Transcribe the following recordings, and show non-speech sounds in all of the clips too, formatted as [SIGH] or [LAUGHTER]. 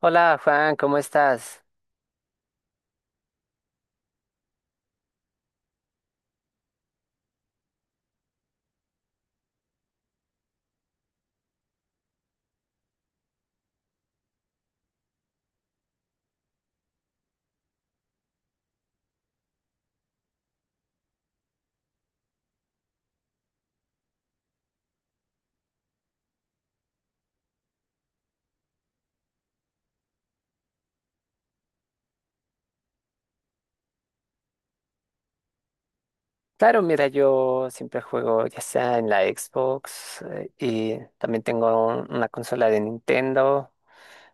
Hola Juan, ¿cómo estás? Claro, mira, yo siempre juego ya sea en la Xbox y también tengo una consola de Nintendo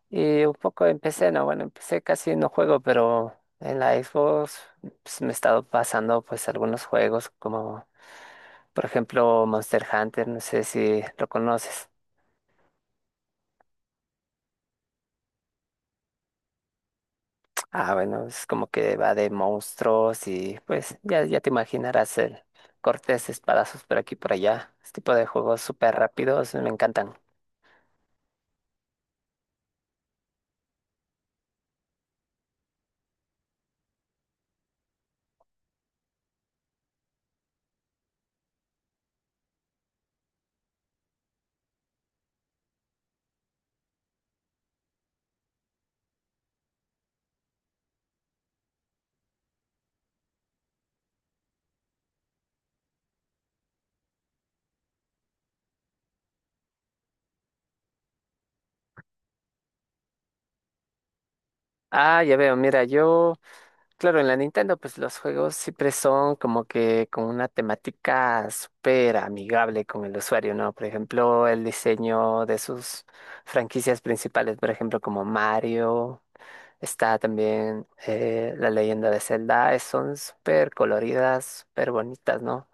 y un poco empecé, no, bueno, empecé casi no juego, pero en la Xbox pues, me he estado pasando pues algunos juegos como por ejemplo Monster Hunter, no sé si lo conoces. Ah, bueno, es como que va de monstruos y pues ya, ya te imaginarás el cortes, espadazos por aquí y por allá. Este tipo de juegos súper rápidos me encantan. Ah, ya veo, mira, yo, claro, en la Nintendo pues los juegos siempre son como que con una temática súper amigable con el usuario, ¿no? Por ejemplo, el diseño de sus franquicias principales, por ejemplo, como Mario. Está también la leyenda de Zelda, son súper coloridas, súper bonitas, ¿no?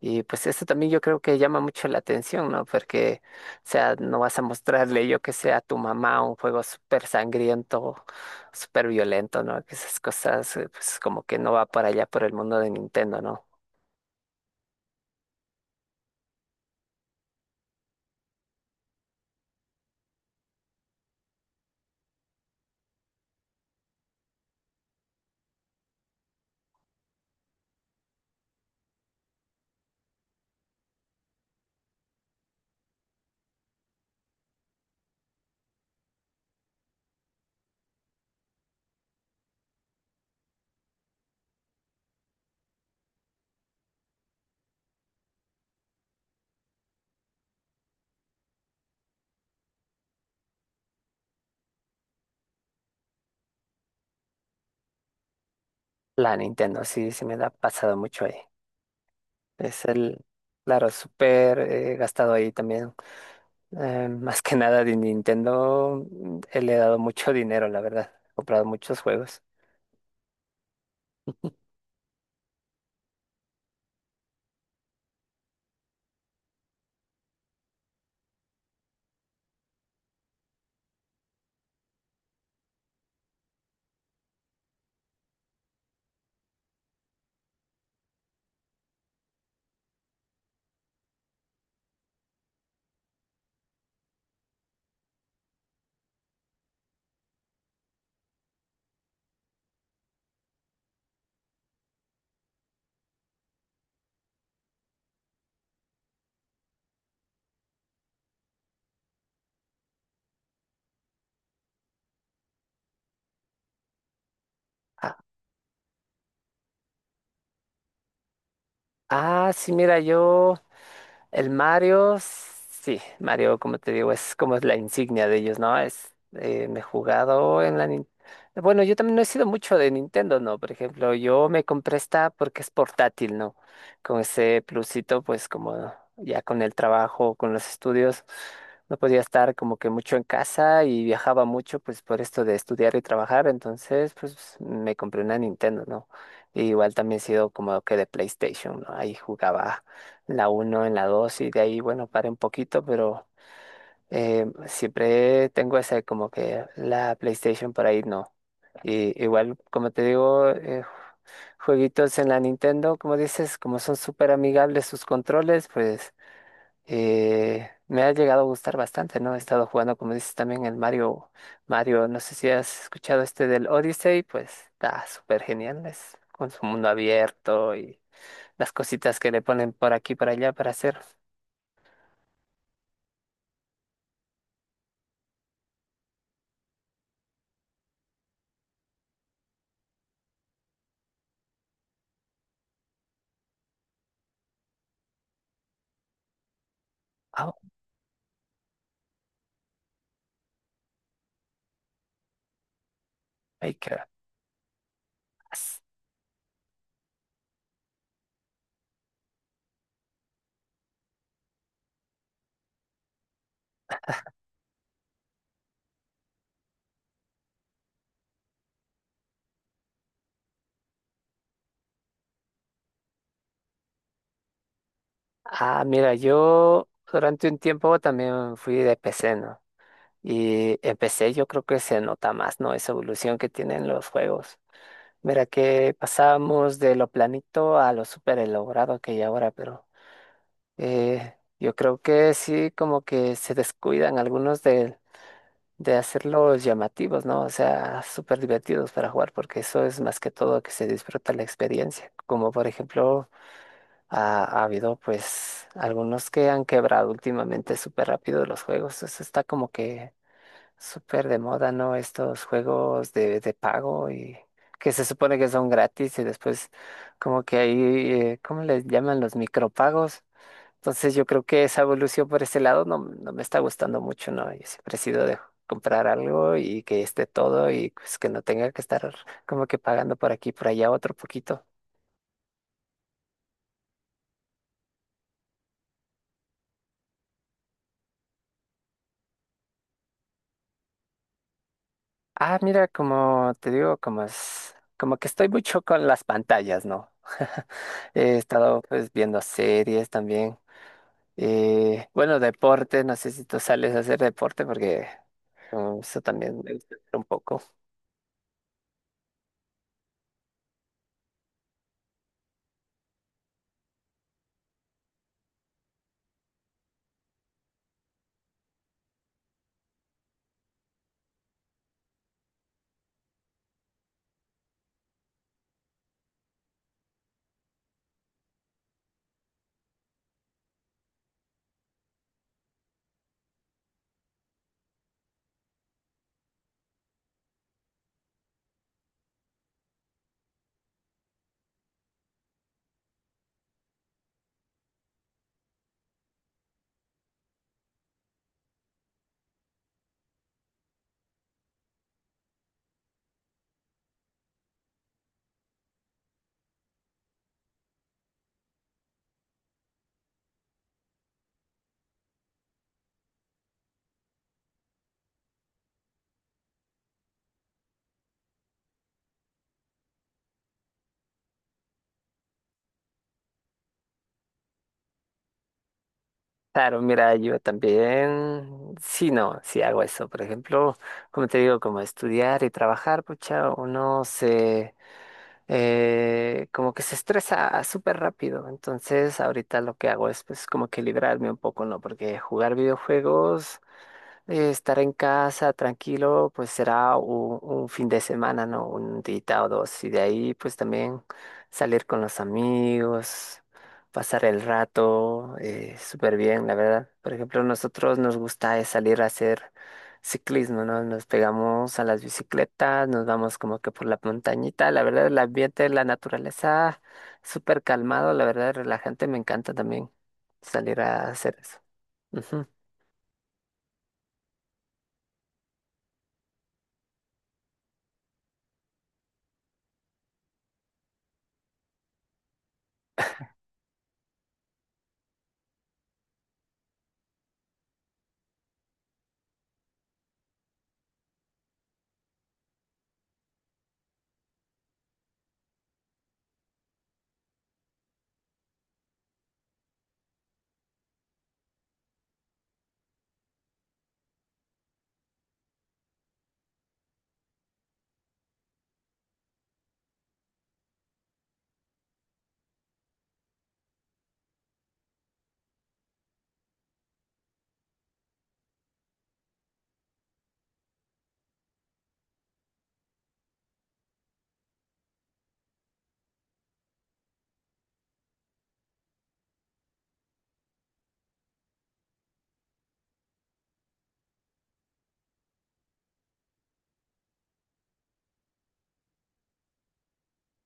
Y pues eso también yo creo que llama mucho la atención, ¿no? Porque, o sea, no vas a mostrarle yo que sea a tu mamá un juego súper sangriento, súper violento, ¿no? Que esas cosas, pues como que no va para allá por el mundo de Nintendo, ¿no? La Nintendo, sí, sí me da pasado mucho ahí. Es el, claro, súper gastado ahí también. Más que nada de Nintendo, le he dado mucho dinero, la verdad. He comprado muchos juegos. Ah, ah, sí, mira, yo... El Mario, sí, Mario, como te digo, es como es la insignia de ellos, ¿no? Es, me he jugado en la... Bueno, yo también no he sido mucho de Nintendo, ¿no? Por ejemplo, yo me compré esta porque es portátil, ¿no? Con ese plusito, pues como ya con el trabajo, con los estudios, no podía estar como que mucho en casa y viajaba mucho, pues por esto de estudiar y trabajar, entonces, pues me compré una Nintendo, ¿no? Y igual también he sido como que de PlayStation, ¿no? Ahí jugaba la uno en la 2 y de ahí, bueno, paré un poquito, pero siempre tengo esa como que la PlayStation por ahí no. Y igual, como te digo, jueguitos en la Nintendo, como dices, como son súper amigables sus controles, pues me ha llegado a gustar bastante, ¿no? He estado jugando, como dices, también el Mario, Mario, no sé si has escuchado este del Odyssey, pues está súper genial, es con su mundo abierto y las cositas que le ponen por aquí, por allá para hacer. Ay, ¿qué más? Ah, mira, yo durante un tiempo también fui de PC, ¿no? Y en PC yo creo que se nota más, ¿no? Esa evolución que tienen los juegos. Mira que pasamos de lo planito a lo súper elaborado que hay ahora, pero yo creo que sí como que se descuidan algunos de hacerlos llamativos, ¿no? O sea, súper divertidos para jugar, porque eso es más que todo que se disfruta la experiencia. Como por ejemplo... Ha habido pues algunos que han quebrado últimamente súper rápido los juegos. Eso está como que súper de moda, ¿no? Estos juegos de pago y que se supone que son gratis y después como que ahí, ¿cómo les llaman los micropagos? Entonces yo creo que esa evolución por ese lado no, no me está gustando mucho, ¿no? Yo siempre he sido de comprar algo y que esté todo y pues que no tenga que estar como que pagando por aquí, por allá otro poquito. Ah, mira, como te digo, como es, como que estoy mucho con las pantallas, ¿no? [LAUGHS] He estado pues viendo series también. Bueno, deporte, no sé si tú sales a hacer deporte porque eso también me gusta hacer un poco. Claro, mira, yo también, sí, no, sí hago eso. Por ejemplo, como te digo, como estudiar y trabajar, pucha, uno se como que se estresa súper rápido. Entonces, ahorita lo que hago es pues como que librarme un poco, ¿no? Porque jugar videojuegos estar en casa tranquilo, pues será un fin de semana, ¿no? Un día o dos. Y de ahí, pues también salir con los amigos, pasar el rato, súper bien, la verdad. Por ejemplo, nosotros nos gusta es salir a hacer ciclismo, ¿no? Nos pegamos a las bicicletas, nos vamos como que por la montañita. La verdad, el ambiente, la naturaleza, súper calmado, la verdad, relajante. Me encanta también salir a hacer eso.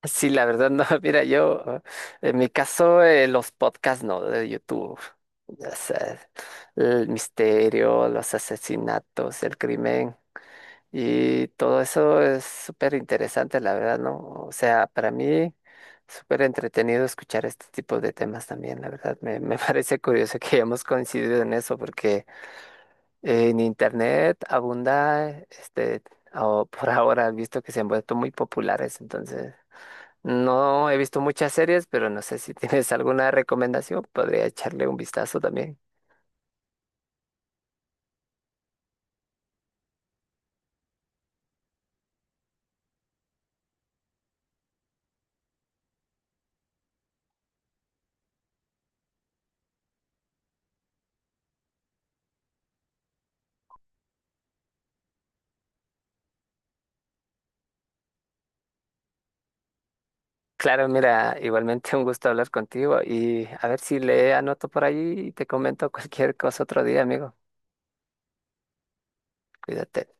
Sí, la verdad, no. [LAUGHS] Mira, yo, en mi caso, los podcasts, no, de YouTube. O sea, el misterio, los asesinatos, el crimen y todo eso es súper interesante, la verdad, ¿no? O sea, para mí, súper entretenido escuchar este tipo de temas también, la verdad. Me [LAUGHS] parece curioso que hayamos coincidido en eso porque en Internet abunda, este, o por ahora, visto que se han vuelto muy populares, entonces. No he visto muchas series, pero no sé si [LAUGHS] tienes alguna recomendación. Podría echarle un vistazo también. Claro, mira, igualmente [LAUGHS] un gusto hablar contigo y a ver si le anoto por ahí y te comento cualquier cosa otro día, amigo. Cuídate.